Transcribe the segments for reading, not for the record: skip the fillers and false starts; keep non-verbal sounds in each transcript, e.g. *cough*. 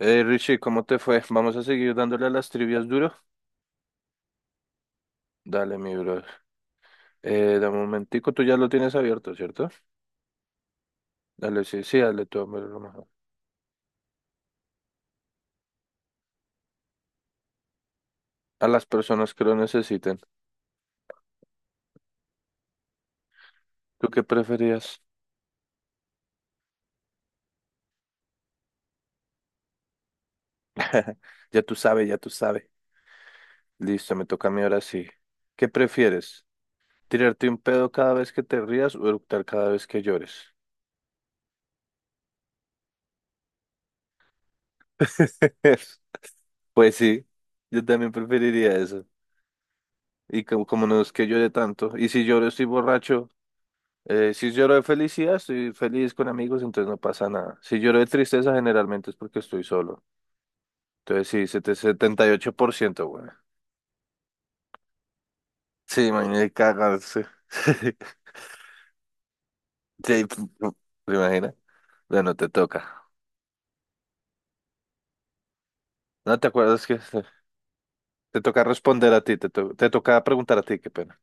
Richie, ¿cómo te fue? Vamos a seguir dándole a las trivias duro. Dale, mi bro. De momentico, tú ya lo tienes abierto, ¿cierto? Dale, sí, sí, dale tú, hombre, lo mejor. A las personas que lo necesiten. ¿Tú qué preferías? *laughs* Ya tú sabes, ya tú sabes. Listo, me toca a mí ahora sí. ¿Qué prefieres? ¿Tirarte un pedo cada vez que te rías o eructar cada vez que llores? *laughs* Pues sí, yo también preferiría eso. Y como no es que llore tanto. Y si lloro estoy borracho. Si lloro de felicidad, estoy feliz con amigos, entonces no pasa nada. Si lloro de tristeza, generalmente es porque estoy solo. Entonces sí, 7- 78%, güey. Sí, imagínate cagarse. *laughs* Sí, ¿te imaginas? Bueno, te toca. ¿No te acuerdas que te toca responder a ti? Te toca preguntar a ti, qué pena.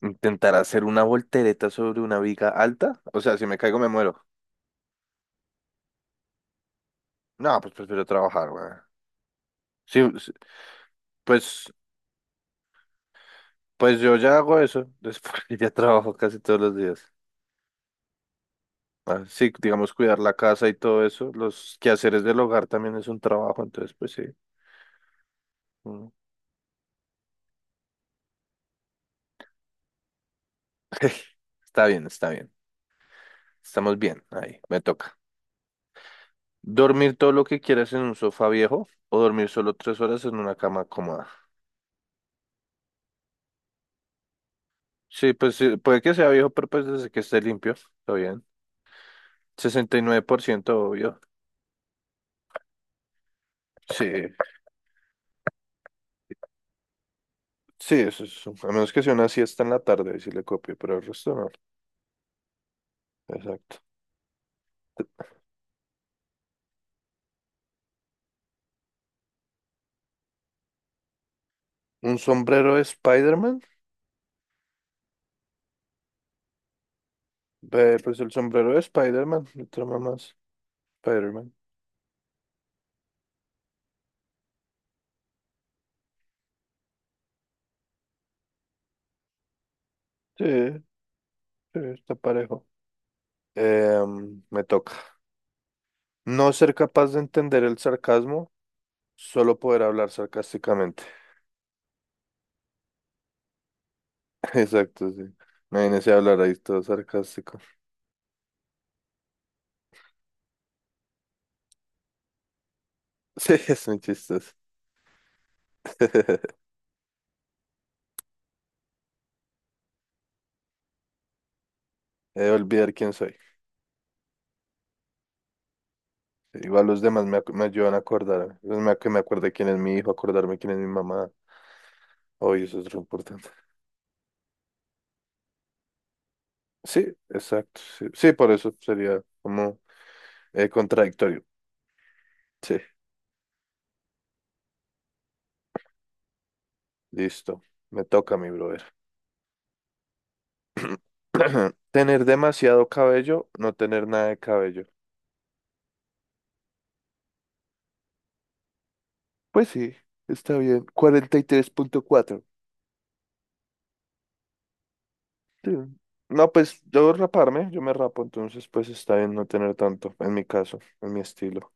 ¿Intentar hacer una voltereta sobre una viga alta? O sea, si me caigo me muero. No, pues prefiero trabajar, güey. Sí, sí, pues, pues yo ya hago eso. Después *laughs* ya trabajo casi todos los días. Ah, sí, digamos, cuidar la casa y todo eso. Los quehaceres del hogar también es un trabajo, entonces, pues sí. uno- *laughs* Está bien, está bien. Estamos bien, ahí, me toca. ¿Dormir todo lo que quieras en un sofá viejo o dormir solo tres horas en una cama cómoda? Sí, pues sí, puede que sea viejo, pero pues desde que esté limpio, está bien. 69% obvio. Sí, sí, eso es. A menos que sea una siesta en la tarde, si le copio, pero el resto no. Exacto. ¿Un sombrero de Spider-Man? Ve, pues el sombrero de Spider-Man, otra mamá. Spider-Man. Sí, sí, está parejo. Me toca. No ser capaz de entender el sarcasmo, solo poder hablar sarcásticamente. *laughs* Exacto, sí. Imagínese hablar ahí todo sarcástico. *laughs* Sí, es muy chistoso. *laughs* Olvidar quién soy. Igual los demás me ayudan a acordarme. Es más que me acuerde quién es mi hijo, acordarme quién es mi mamá. Oye, eso es lo importante. Sí, exacto. Sí, sí, por eso sería como contradictorio. Sí, listo. Me toca, mi brother. *clears throat* Tener demasiado cabello, no tener nada de cabello. Pues sí, está bien. 43,4. Sí. No, pues yo raparme, yo me rapo, entonces pues está bien no tener tanto, en mi caso, en mi estilo.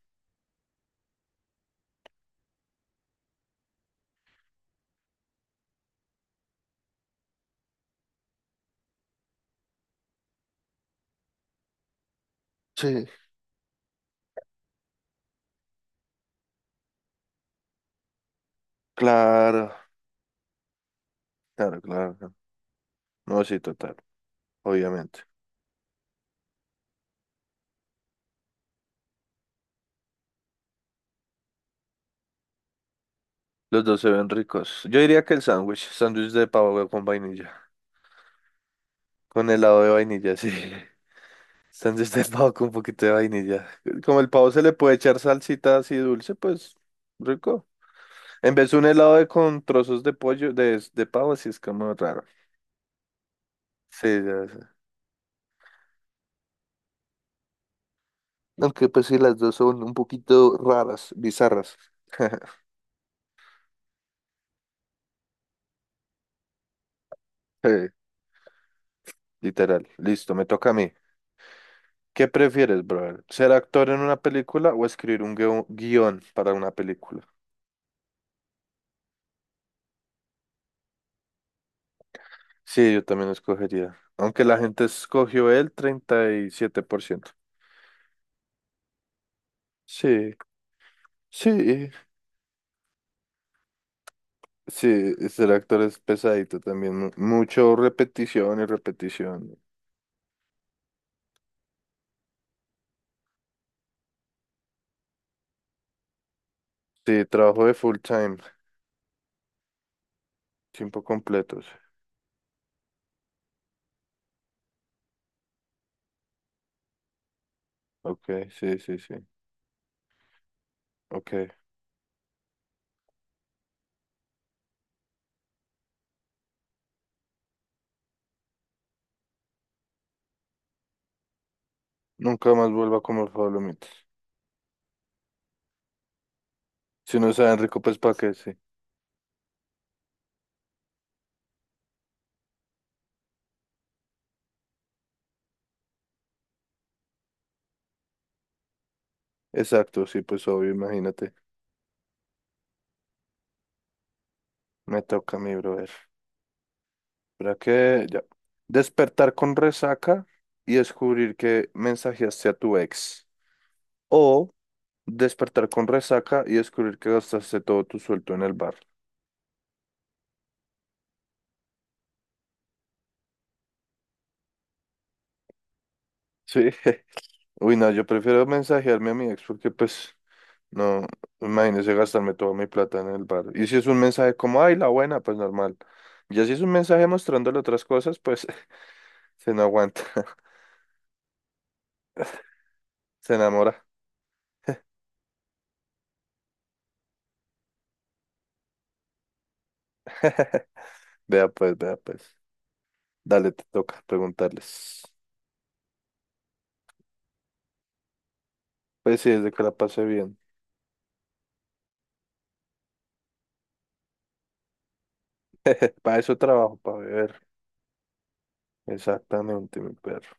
Sí, claro, claro, claro. No, sí, total, obviamente. Los dos se ven ricos. Yo diría que el sándwich de pavo con vainilla, con helado de vainilla, sí. *laughs* Sándwich de pavo con un poquito de vainilla. Como el pavo se le puede echar salsita así dulce, pues rico. En vez de un helado de con trozos de pollo, de pavo, sí es como raro. Sí, ya sé. Aunque pues sí, las dos son un poquito raras, bizarras. *laughs* Sí, literal. Listo, me toca a mí. ¿Qué prefieres, brother? ¿Ser actor en una película o escribir un guión para una película? Sí, yo también escogería. Aunque la gente escogió el 37%. Sí, sí, sí, ser actor es pesadito también. Mucho repetición y repetición. Sí, trabajo de full time. Tiempo completos. Ok, sí, sí, sí. Ok. Nunca más vuelva a comer Pablomitas. Si no saben rico, pues para qué, sí. Exacto, sí, pues obvio, imagínate. Me toca a mí, brother. ¿Para qué? Ya. Despertar con resaca y descubrir que mensajeaste a tu ex. O despertar con resaca y descubrir que gastaste todo tu sueldo en el bar. Sí. *laughs* Uy, no, yo prefiero mensajearme a mi ex porque pues no, imagínese gastarme toda mi plata en el bar. Y si es un mensaje como, ay, la buena, pues normal. Ya si es un mensaje mostrándole otras cosas, pues *laughs* se no aguanta, *laughs* se enamora. *laughs* Vea pues, vea pues. Dale, te toca preguntarles. Pues sí, desde que la pasé bien. *laughs* Para eso trabajo, para beber. Exactamente, mi perro.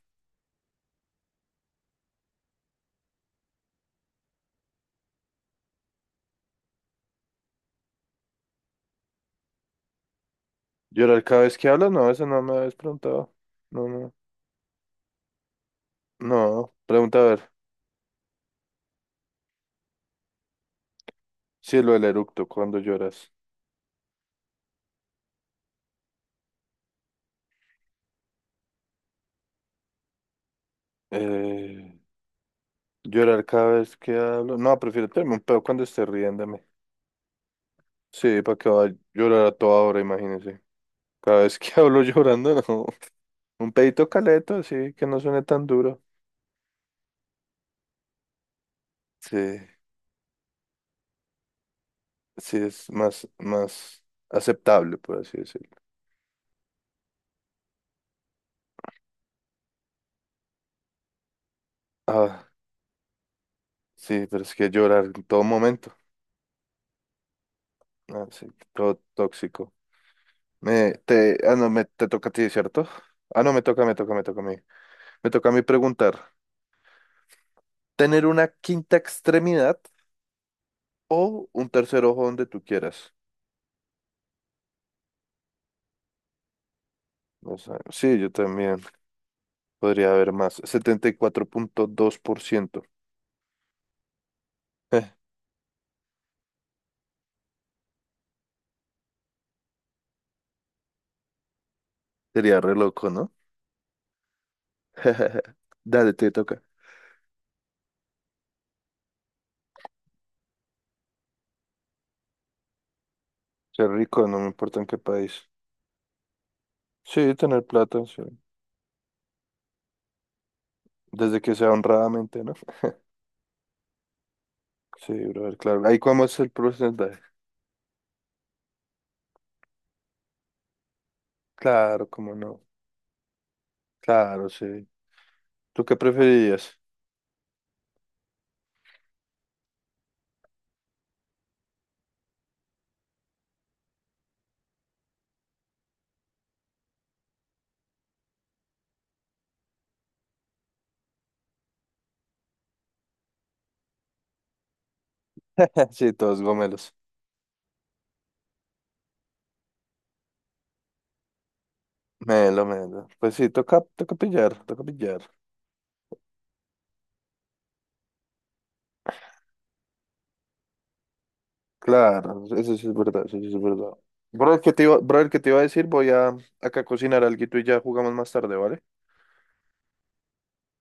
¿Llorar cada vez que hablas? No, eso no me habías preguntado. No, no. No, pregunta a ver. Sí, ¿lo del eructo, cuando lloras? Eh... Llorar cada vez que hablo. No, prefiero tenerme un pedo cuando esté riéndome. Sí, para que vaya a llorar a toda hora, imagínese. Cada vez que *laughs* hablo llorando, no. Un pedito caleto, así que no suene tan duro. Sí, sí, es más, más aceptable, por así decirlo. Ah, sí, pero es que llorar en todo momento. Ah, sí, todo tóxico. Me, te, ah, no, me, te toca a ti, ¿cierto? Ah, no, me toca, me toca, me toca a mí. Me toca a mí preguntar. ¿Tener una quinta extremidad o un tercer ojo donde tú quieras? O sea, sí, yo también podría haber más. 74,2%. Eh, Sería re loco, ¿no? *laughs* Dale, te toca. Ser rico, no me importa en qué país. Sí, tener plata, sí. Desde que sea honradamente, ¿no? Sí, brother, claro. Ahí cómo es el porcentaje. Claro, cómo no. Claro, sí. ¿Tú qué preferirías? *laughs* Sí, todos gomelos. Melo, melo. Pues sí, toca, toca pillar, toca pillar. Claro, eso sí es verdad, eso sí es verdad. Brother, ¿qué te iba, brother, ¿qué te iba a decir? Voy a acá a cocinar algo y ya jugamos más tarde, ¿vale?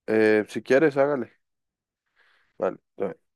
Si quieres, hágale. Vale. Está bien.